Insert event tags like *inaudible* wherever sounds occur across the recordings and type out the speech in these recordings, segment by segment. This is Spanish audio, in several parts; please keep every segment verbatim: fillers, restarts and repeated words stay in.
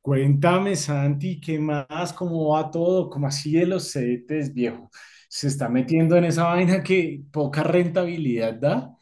Cuéntame, Santi, ¿qué más? ¿Cómo va todo? ¿Cómo así de los C D Ts, viejo? Se está metiendo en esa vaina que poca rentabilidad da.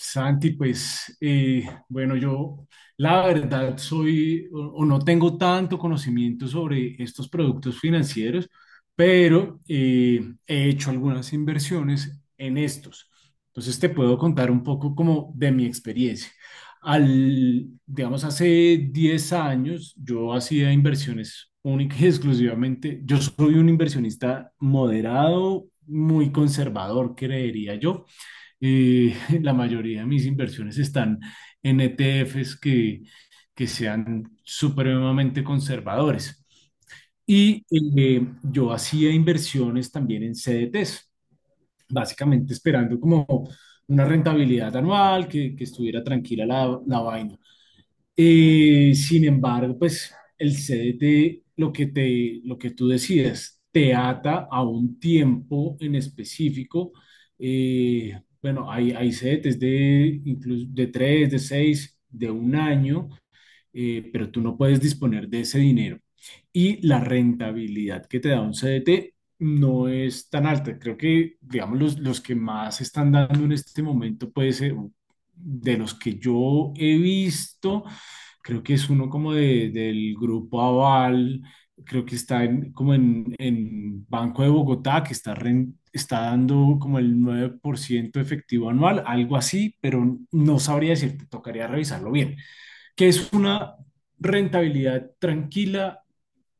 Santi, pues eh, bueno, yo la verdad soy o, o no tengo tanto conocimiento sobre estos productos financieros, pero eh, he hecho algunas inversiones en estos. Entonces te puedo contar un poco como de mi experiencia. Al, digamos, hace diez años yo hacía inversiones única y *laughs* exclusivamente. Yo soy un inversionista moderado, muy conservador, creería yo. Eh, *laughs* la mayoría de mis inversiones están en E T Fs que, que sean supremamente conservadores. Y eh, yo hacía inversiones también en C D Ts, básicamente esperando como una rentabilidad anual, que, que estuviera tranquila la, la vaina. Eh, sin embargo, pues el C D T, lo que te, lo que tú decías, te ata a un tiempo en específico. Eh, bueno, hay, hay C D Ts de incluso de tres, de seis, de un año, eh, pero tú no puedes disponer de ese dinero. Y la rentabilidad que te da un C D T no es tan alta. Creo que, digamos, los, los que más están dando en este momento puede ser de los que yo he visto, creo que es uno como de, del grupo Aval, creo que está en, como en, en Banco de Bogotá, que está, ren- está dando como el nueve por ciento efectivo anual, algo así, pero no sabría decirte, tocaría revisarlo bien, que es una rentabilidad tranquila,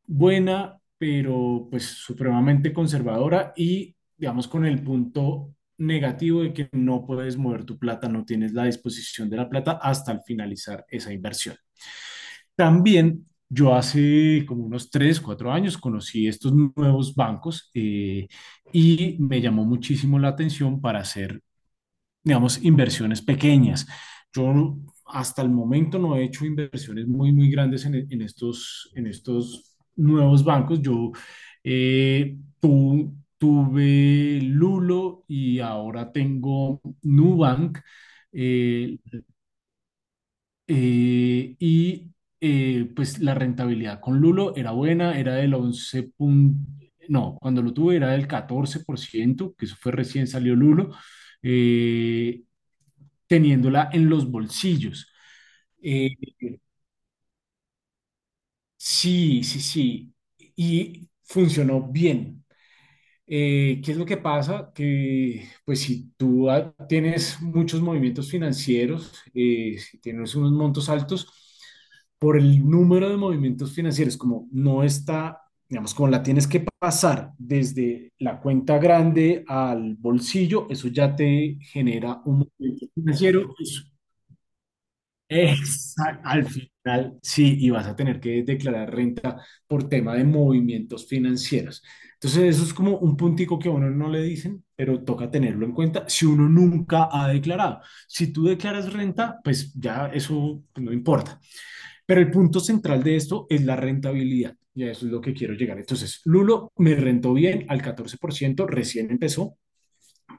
buena, pero pues supremamente conservadora y digamos con el punto negativo de que no puedes mover tu plata, no tienes la disposición de la plata hasta el finalizar esa inversión. También yo hace como unos tres, cuatro años conocí estos nuevos bancos, eh, y me llamó muchísimo la atención para hacer, digamos, inversiones pequeñas. Yo hasta el momento no he hecho inversiones muy, muy grandes en, en estos, en estos nuevos bancos. Yo eh, tu- tuve Lulo y ahora tengo Nubank. Eh, eh, y eh, pues la rentabilidad con Lulo era buena, era del once punto no, cuando lo tuve era del catorce por ciento, que eso fue recién salió Lulo, eh, teniéndola en los bolsillos. Eh, sí, sí, sí, y funcionó bien. Eh, ¿qué es lo que pasa? Que pues si tú ah, tienes muchos movimientos financieros, eh, si tienes unos montos altos, por el número de movimientos financieros, como no está, digamos, como la tienes que pasar desde la cuenta grande al bolsillo, eso ya te genera un movimiento financiero. Eso, exacto, al final sí, y vas a tener que declarar renta por tema de movimientos financieros. Entonces, eso es como un puntico que a uno no le dicen, pero toca tenerlo en cuenta si uno nunca ha declarado. Si tú declaras renta, pues ya eso no importa. Pero el punto central de esto es la rentabilidad. Y a eso es lo que quiero llegar. Entonces, Lulo me rentó bien al catorce por ciento, recién empezó,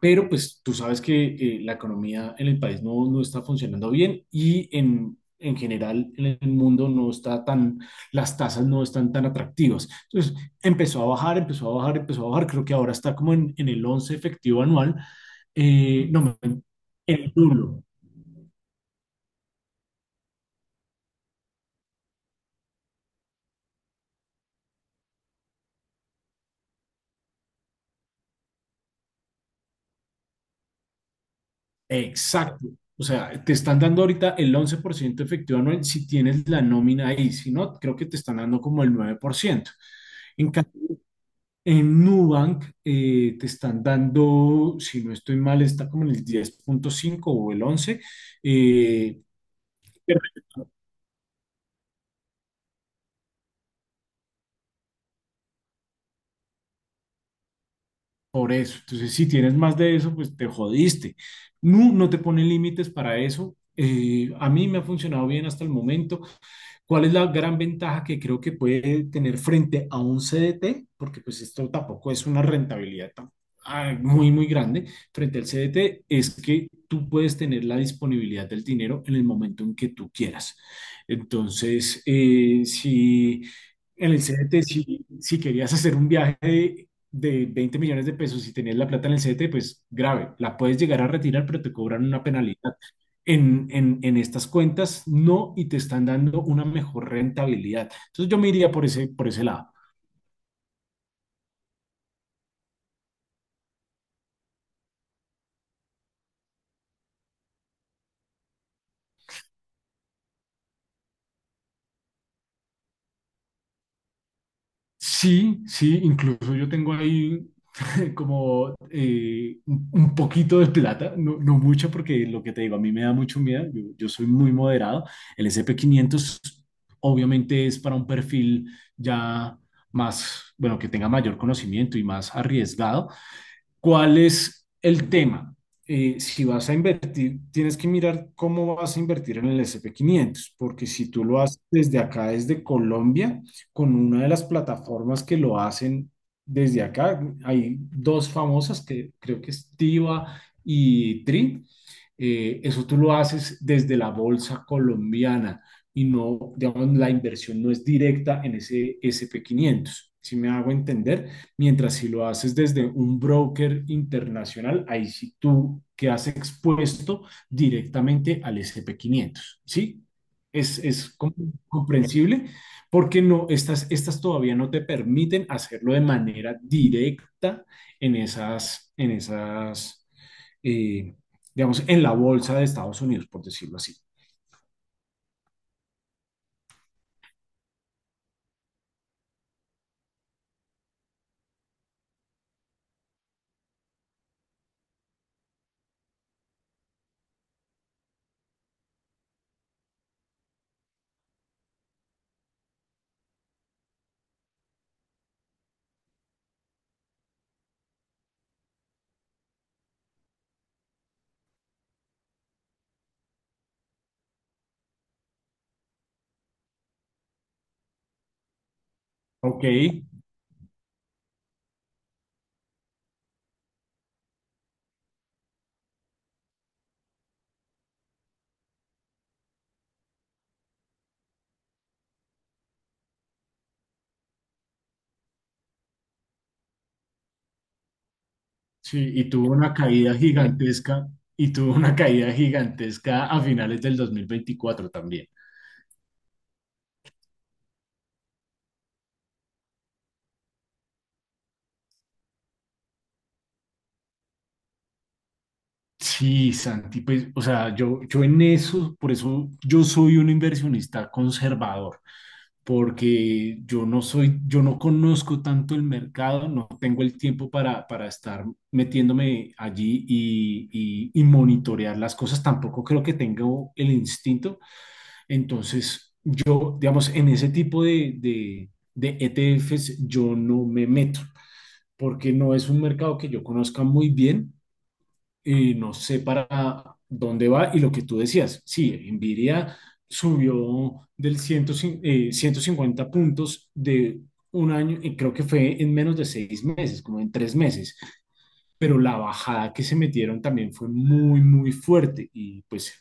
pero pues tú sabes que eh, la economía en el país no, no está funcionando bien y en, en, general en el mundo no está tan, las tasas no están tan atractivas. Entonces empezó a bajar, empezó a bajar, empezó a bajar. Creo que ahora está como en, en el once efectivo anual. Eh, no, en el duro. Exacto. O sea, te están dando ahorita el once por ciento efectivo anual si tienes la nómina ahí. Si no, creo que te están dando como el nueve por ciento. En En Nubank, eh, te están dando, si no estoy mal, está como en el diez punto cinco o el once, eh, por eso. Entonces, si tienes más de eso, pues te jodiste. No, no te pone límites para eso. Eh, a mí me ha funcionado bien hasta el momento. ¿Cuál es la gran ventaja que creo que puede tener frente a un C D T? Porque pues esto tampoco es una rentabilidad tan- ah, muy, muy grande. Frente al C D T es que tú puedes tener la disponibilidad del dinero en el momento en que tú quieras. Entonces, eh, si en el C D T, si, si querías hacer un viaje de veinte millones de pesos y tenías la plata en el C D T, pues grave, la puedes llegar a retirar, pero te cobran una penalidad. En, en, en estas cuentas no, y te están dando una mejor rentabilidad. Entonces yo me iría por ese, por ese, lado. Sí, sí, incluso yo tengo ahí *laughs* como eh, un un poquito de plata, no, no mucho porque lo que te digo, a mí me da mucho miedo, yo, yo soy muy moderado. El S P quinientos obviamente es para un perfil ya más, bueno, que tenga mayor conocimiento y más arriesgado. ¿Cuál es el tema? Eh, si vas a invertir, tienes que mirar cómo vas a invertir en el S&P quinientos, porque si tú lo haces desde acá, desde Colombia, con una de las plataformas que lo hacen desde acá, hay dos famosas que creo que es Tiva y Tri. Eh, eso tú lo haces desde la bolsa colombiana y no, digamos, la inversión no es directa en ese S&P quinientos. Si me hago entender. Mientras si lo haces desde un broker internacional, ahí sí tú quedas expuesto directamente al sp quinientos, ¿sí? Es, es comprensible porque no, estas, estas todavía no te permiten hacerlo de manera directa en esas, en esas, eh, digamos, en la bolsa de Estados Unidos, por decirlo así. Ok, sí, y tuvo una caída gigantesca, y tuvo una caída gigantesca a finales del dos mil veinticuatro también. Sí, Santi, pues, o sea, yo, yo en eso, por eso yo soy un inversionista conservador, porque yo no soy, yo no conozco tanto el mercado, no tengo el tiempo para, para estar metiéndome allí y, y, y monitorear las cosas, tampoco creo que tengo el instinto, entonces yo, digamos, en ese tipo de, de, de E T Fs yo no me meto, porque no es un mercado que yo conozca muy bien y no sé para dónde va. Y lo que tú decías, sí, Nvidia subió del ciento cincuenta, eh, ciento cincuenta puntos de un año, y creo que fue en menos de seis meses, como en tres meses, pero la bajada que se metieron también fue muy, muy fuerte. Y pues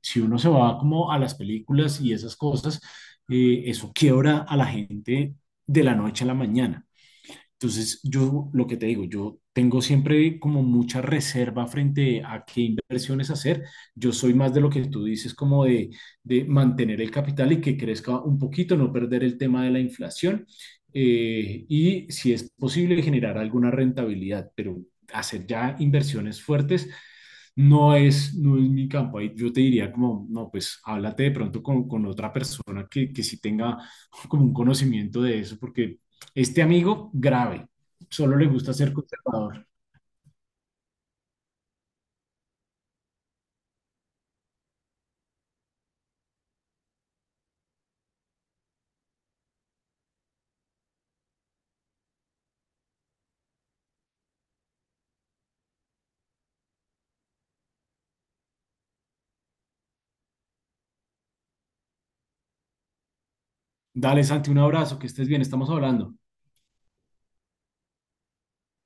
si uno se va como a las películas y esas cosas, eh, eso quiebra a la gente de la noche a la mañana. Entonces, yo lo que te digo, yo tengo siempre como mucha reserva frente a qué inversiones hacer. Yo soy más de lo que tú dices, como de, de, mantener el capital y que crezca un poquito, no perder el tema de la inflación, eh, y si es posible generar alguna rentabilidad, pero hacer ya inversiones fuertes no es, no es mi campo. Ahí yo te diría como, no, pues háblate de pronto con, con, otra persona que, que sí tenga como un conocimiento de eso, porque este amigo, grave, solo le gusta ser conservador. Dale, Santi, un abrazo, que estés bien, estamos hablando.